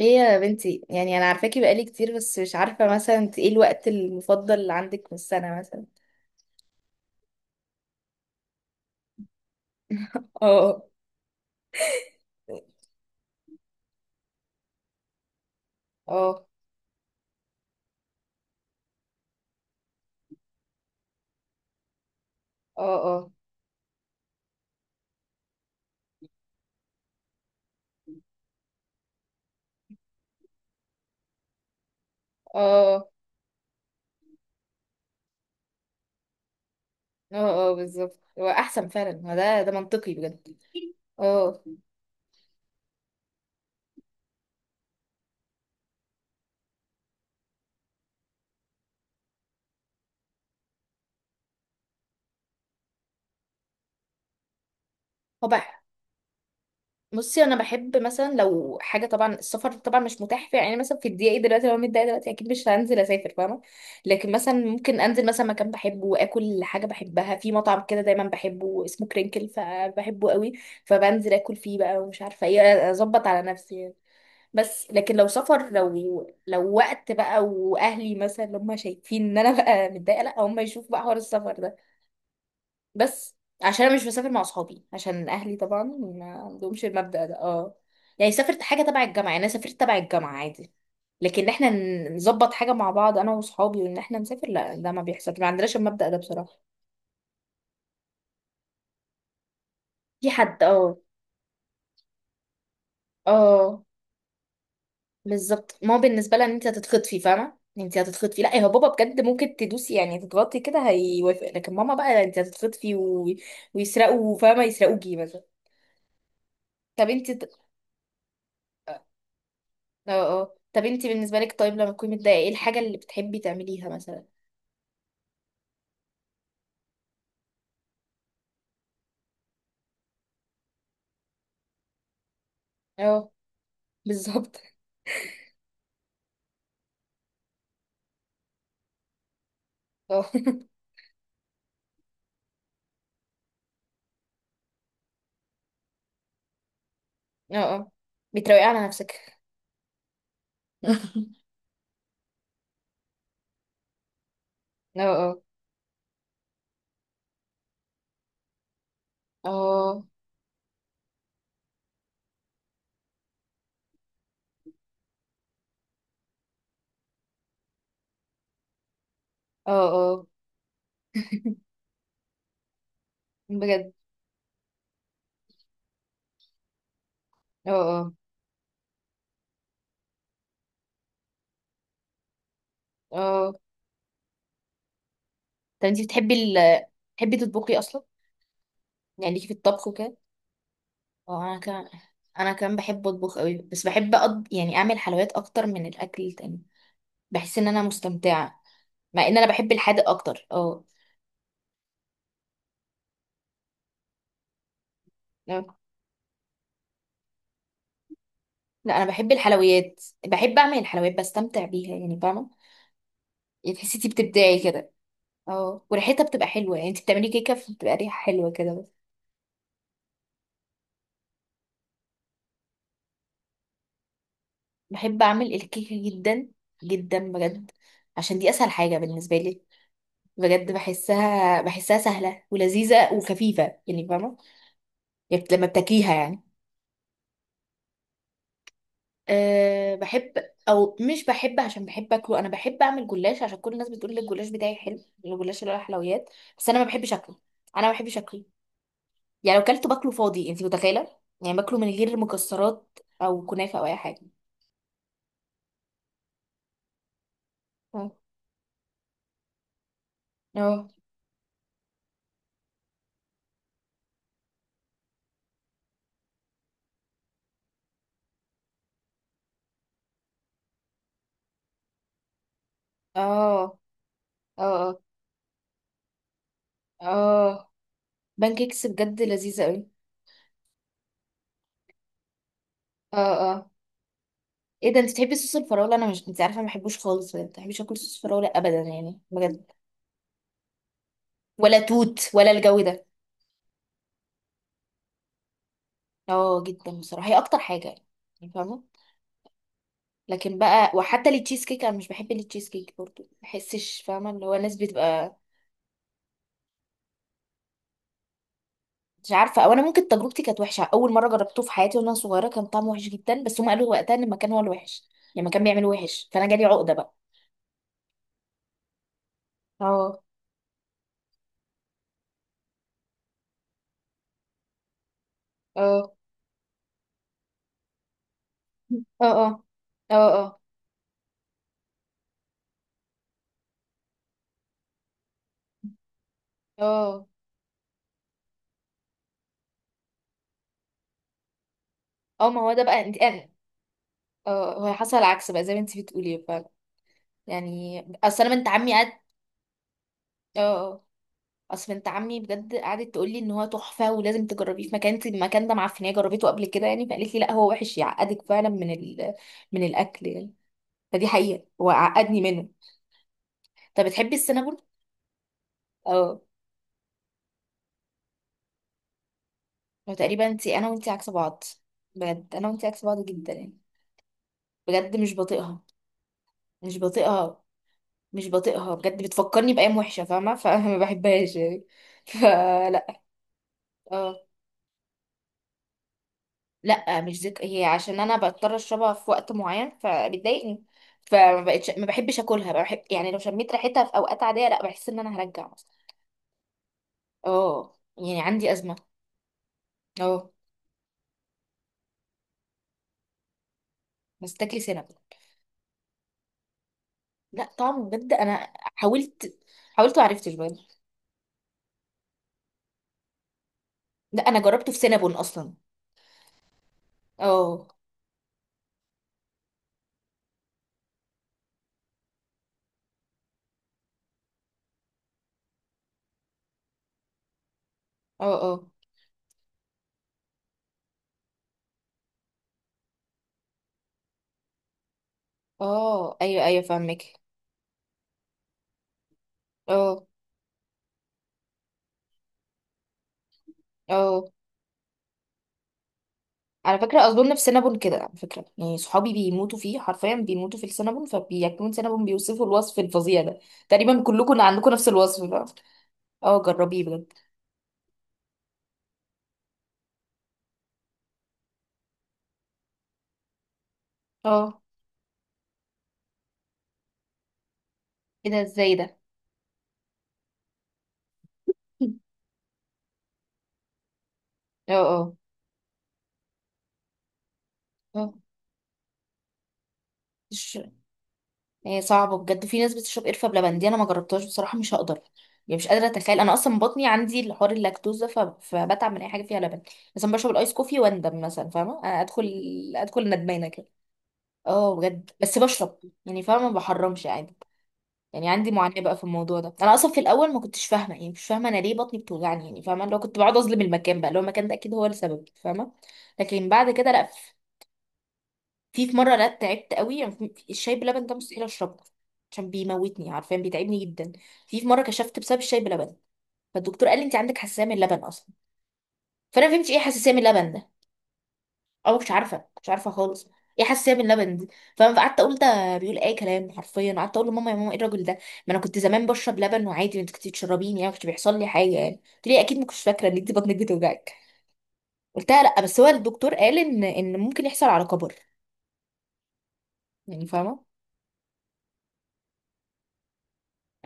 ايه يا بنتي؟ يعني انا عارفاكي بقالي كتير، بس مش عارفه مثلا انت ايه الوقت المفضل اللي عندك في السنه مثلا؟ اه، اه، اه، اه، اه، اه، اه، بالظبط هو احسن فعلا، هو ده منطقي بجد. اه. هو بقى. بصي، انا بحب مثلا لو حاجه، طبعا السفر طبعا مش متاح فيها، يعني مثلا في الدقيقه دي دلوقتي لو أنا متضايقه دلوقتي اكيد مش هنزل اسافر، فاهمه. لكن مثلا ممكن انزل مثلا مكان بحبه، واكل حاجه بحبها في مطعم كده دايما بحبه، اسمه كرينكل، فبحبه قوي. فبنزل اكل فيه بقى، ومش عارفه ايه، اظبط على نفسي يعني. بس لكن لو سفر، لو وقت بقى واهلي مثلا اللي هم شايفين ان انا بقى متضايقه، لا هم يشوفوا بقى حوار السفر ده. بس عشان انا مش بسافر مع اصحابي، عشان اهلي طبعا ما عندهمش المبدأ ده، اه. يعني سافرت حاجه تبع الجامعه، يعني انا سافرت تبع الجامعه عادي. لكن احنا نظبط حاجه مع بعض انا واصحابي، وان احنا نسافر، لا ده ما بيحصلش، ما عندناش المبدأ ده بصراحه. في حد، اه. اه، بالظبط، ما هو بالنسبه لها ان انت هتتخطفي، فاهمه، انت هتتخطفي، لا هو بابا بجد ممكن تدوسي، يعني تتغطي كده هيوافق، لكن ماما بقى انت هتتخطفي و. ويسرقوا فاهمه، يسرقوكي مثلا. طب انت. اه، اه، طب انتي بالنسبة لك طيب، لما تكوني متضايقة ايه الحاجة اللي بتحبي تعمليها مثلا؟ اه، بالظبط، اه. اه، اه، بتروقي على نفسك. اه، اه، اه، اه، اه، بجد، اه، اه، اه، طب انتي بتحبي تطبخي اصلا؟ يعني ليكي في الطبخ وكده؟ اه، انا كمان. انا كمان بحب اطبخ قوي، بس بحب يعني اعمل حلويات اكتر من الاكل التاني. بحس ان انا مستمتعة، مع ان انا بحب الحادق اكتر، اه. اه. لا انا بحب الحلويات، بحب اعمل الحلويات، بستمتع بيها يعني فاهمه. يعني تحسي انتي بتبدعي كده. اه، وريحتها بتبقى حلوه، يعني انت بتعملي كيكه فبتبقى ريحه حلوه كده بس. بحب اعمل الكيكه جدا، جدا بجد، عشان دي اسهل حاجه بالنسبه لي. بجد، بحسها سهله ولذيذه وخفيفه يعني فاهمه. يعني لما بتاكليها يعني. أه بحب، او مش بحب عشان بحب اكله، انا بحب اعمل جلاش، عشان كل الناس بتقول لي الجلاش بتاعي حلو. الجلاش اللي هو الحلويات. بس انا ما بحبش اكله، انا ما بحبش اكله. يعني لو كلته باكله فاضي انت متخيله، يعني باكله من غير مكسرات او كنافه او اي حاجه. اه، اه، اه، اه، اه، بانكيكس بجد لذيذه قوي. اه، اه، ايه ده؟ انت بتحبي صوص الفراوله؟ انا، مش انت عارفه، ما بحبوش خالص بجد، ما بحبش اكل صوص فراوله ابدا، يعني بجد. ولا توت، ولا الجو ده. اه، جدا، بصراحه هي اكتر حاجه، يعني فاهمه. لكن بقى، وحتى التشيز كيك انا مش بحب التشيز كيك برضو، ما بحسش، فاهمه، اللي هو الناس بتبقى. مش عارفه، او انا ممكن تجربتي كانت وحشه، اول مره جربته في حياتي وانا صغيره كان طعمه وحش جدا، بس هم قالوا وقتها ان المكان هو الوحش. يعني المكان بيعمل وحش، فانا جالي عقده بقى. اه، اه، اه، اه، اه، اه، اه، اه، ما هو ده بقى انت، انا. اه، هو حصل العكس بقى زي ما انت بتقولي فعلا. يعني اصل انا بنت عمي قعد. اه، اه، اصل بنت عمي بجد قعدت تقول لي ان هو تحفه ولازم تجربيه في مكان، انت المكان ده معفنيه، جربته قبل كده يعني، فقالت لي لا هو وحش يعقدك فعلا من من الاكل يعني. فدي حقيقه وعقدني منه. طب بتحبي السينابون؟ اه، هو تقريبا انا وانتي عكس بعض، بجد انا وانتي عكس بعض جدا يعني. بجد مش بطيقها، مش بطيقها، مش بطيقها بجد، بتفكرني بايام وحشه فاهمه، فما بحبهاش يعني. فلا. اه، لا، مش ذك هي عشان انا بضطر اشربها في وقت معين فبتضايقني، فما بقتش ما بحبش اكلها، بحب يعني لو شميت ريحتها في اوقات عاديه لا، بحس ان انا هرجع مثلا. اه، يعني عندي ازمه. اه، بس تاكلي سينابون. لا طعمه، بجد انا حاولت، وعرفتش بجد. لا انا جربته في سينابون اصلا. اه، اه، اه، اه، ايوه، ايوه، فاهمك. اه، اه، على فكره اظن في سينابون كده، على فكره يعني صحابي بيموتوا فيه حرفيا، بيموتوا في السينابون، فبياكلون سينابون بيوصفوا الوصف الفظيع ده. تقريبا كلكم عندكم نفس الوصف ده. اه، جربيه بجد. اه، ايه ده؟ ازاي ده؟ اه، اه، اه، هي صعبة بجد، في ناس بتشرب قرفة بلبن دي، انا ما جربتهاش بصراحة مش هقدر. يعني مش قادرة اتخيل، انا اصلا بطني عندي الحوار اللاكتوز ده، فبتعب من اي حاجة فيها لبن. مثلا بشرب الايس كوفي واندم مثلا، فاهمة انا ادخل ندمانة كده. اه بجد، بس بشرب، يعني فاهمة ما بحرمش عادي. يعني عندي معاناة بقى في الموضوع ده، انا اصلا في الاول ما كنتش فاهمة، يعني مش فاهمة انا ليه بطني بتوجعني، يعني فاهمة لو كنت بقعد اظلم المكان بقى، لو المكان ده اكيد هو السبب، فاهمة. لكن بعد كده لا. في مرة، لا تعبت قوي يعني، الشاي بلبن ده مستحيل اشربه، عشان بيموتني، عارفة بيتعبني جدا. في مرة كشفت بسبب الشاي بلبن، فالدكتور قال لي انت عندك حساسية من اللبن اصلا. فانا ما فهمتش ايه حساسية من اللبن ده، او مش عارفة، مش عارفة خالص. ايه حساسية من اللبن دي؟ فانا قعدت اقول ده بيقول اي كلام، حرفيا قعدت اقول لماما، يا ماما ايه الراجل ده؟ ما انا كنت زمان بشرب لبن وعادي، انت كنت بتشربيني يعني، ما كنتش بيحصل لي حاجة، يعني قلت لي اكيد ما كنتش فاكرة ان انت بطنك بتوجعك. قلتها لا، بس هو الدكتور قال ان ممكن يحصل على كبر. يعني فاهمة.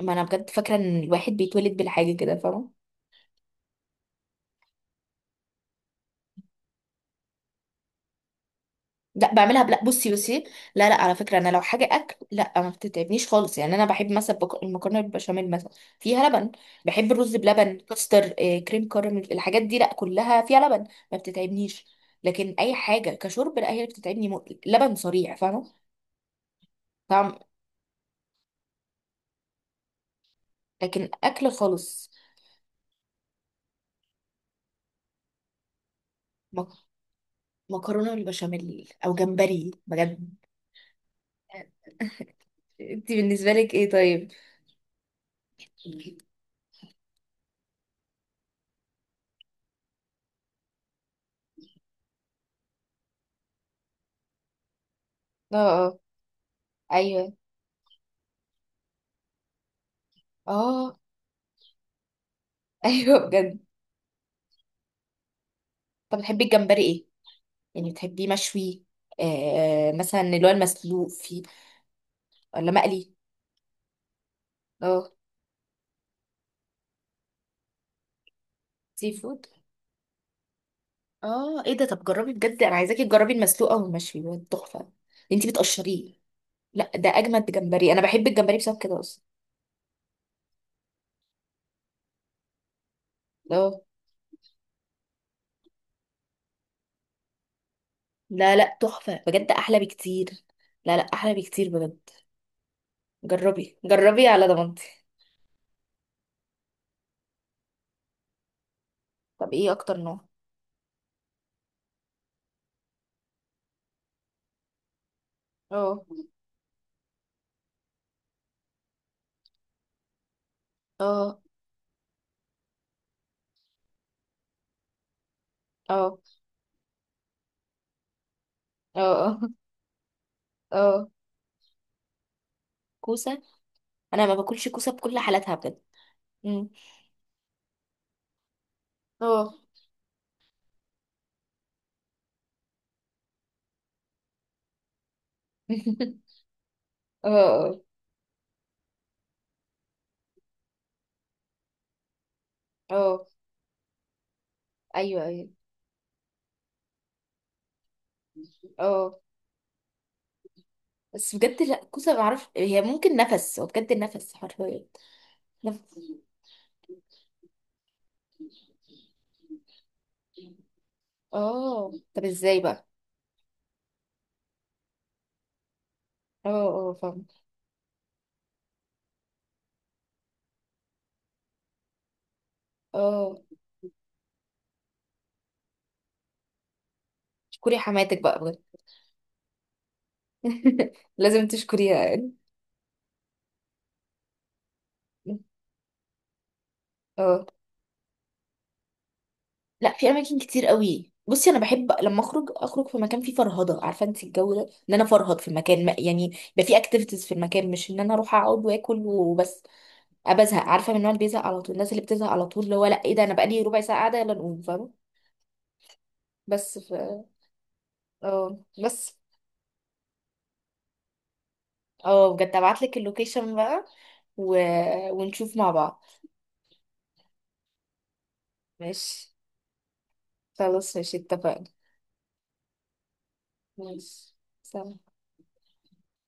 ما انا بجد فاكره ان الواحد بيتولد بالحاجه كده فاهمه. لا بعملها لا، بصي. لا لا، على فكره انا لو حاجه اكل لا ما بتتعبنيش خالص، يعني انا بحب مثلا، المكرونه بالبشاميل مثلا فيها لبن. بحب الرز بلبن، كاستر، كريم كراميل، الحاجات دي لا كلها فيها لبن، ما بتتعبنيش. لكن اي حاجه كشرب لا، هي اللي بتتعبني، لبن صريع فاهمه. طعم. لكن اكل خالص. مك- مكرونه بالبشاميل، او جمبري بجد. انت بالنسبه لك ايه طيب؟ اه، اه، ايوه، اه، ايوه بجد. طب بتحبي الجمبري ايه؟ يعني بتحبيه مشوي؟ مثلا اللي هو المسلوق فيه، ولا مقلي؟ اه، سي فود. اه، ايه ده؟ طب جربي بجد، انا عايزاكي تجربي المسلوق او المشوي بجد تحفه. انتي بتقشريه؟ لا ده اجمد جمبري، انا بحب الجمبري بسبب كده اصلا. اه، لا لا، تحفه بجد، احلى بكتير. لا لا احلى بكتير بجد. جربي جربي على ضمانتي. طب ايه اكتر نوع؟ اه، اه، اه، اه، اه، آه. كوسه، انا ما باكلش كوسه بكل حالاتها بجد. مم. اه، اه، اه، اه، ايوه، ايوه، اه. بس بجد لا كوسه ما اعرفش، هي ممكن نفس، هو بجد النفس حرفيا. نفس. اه، طب ازاي بقى؟ اه، اه، فاهم. اه، اشكري حماتك بقى بجد. لازم تشكريها يعني. اه، لا في اماكن كتير قوي، بصي انا بحب لما اخرج، اخرج في مكان فيه فرهضه، عارفه انت الجو ده، ان انا افرهد في المكان يعني، يبقى فيه اكتيفيتيز في المكان، مش ان انا اروح اقعد واكل وبس. بزهق، عارفه من النوع اللي بيزهق على طول، الناس اللي بتزهق على طول، اللي هو لا ايه ده انا بقالي ربع ساعه قاعده يلا نقوم، فاهمه. بس اه بس. اه بجد ابعت لك اللوكيشن بقى، و... ونشوف مع بعض. ماشي، خلاص ماشي، اتفقنا. ماشي. سلام.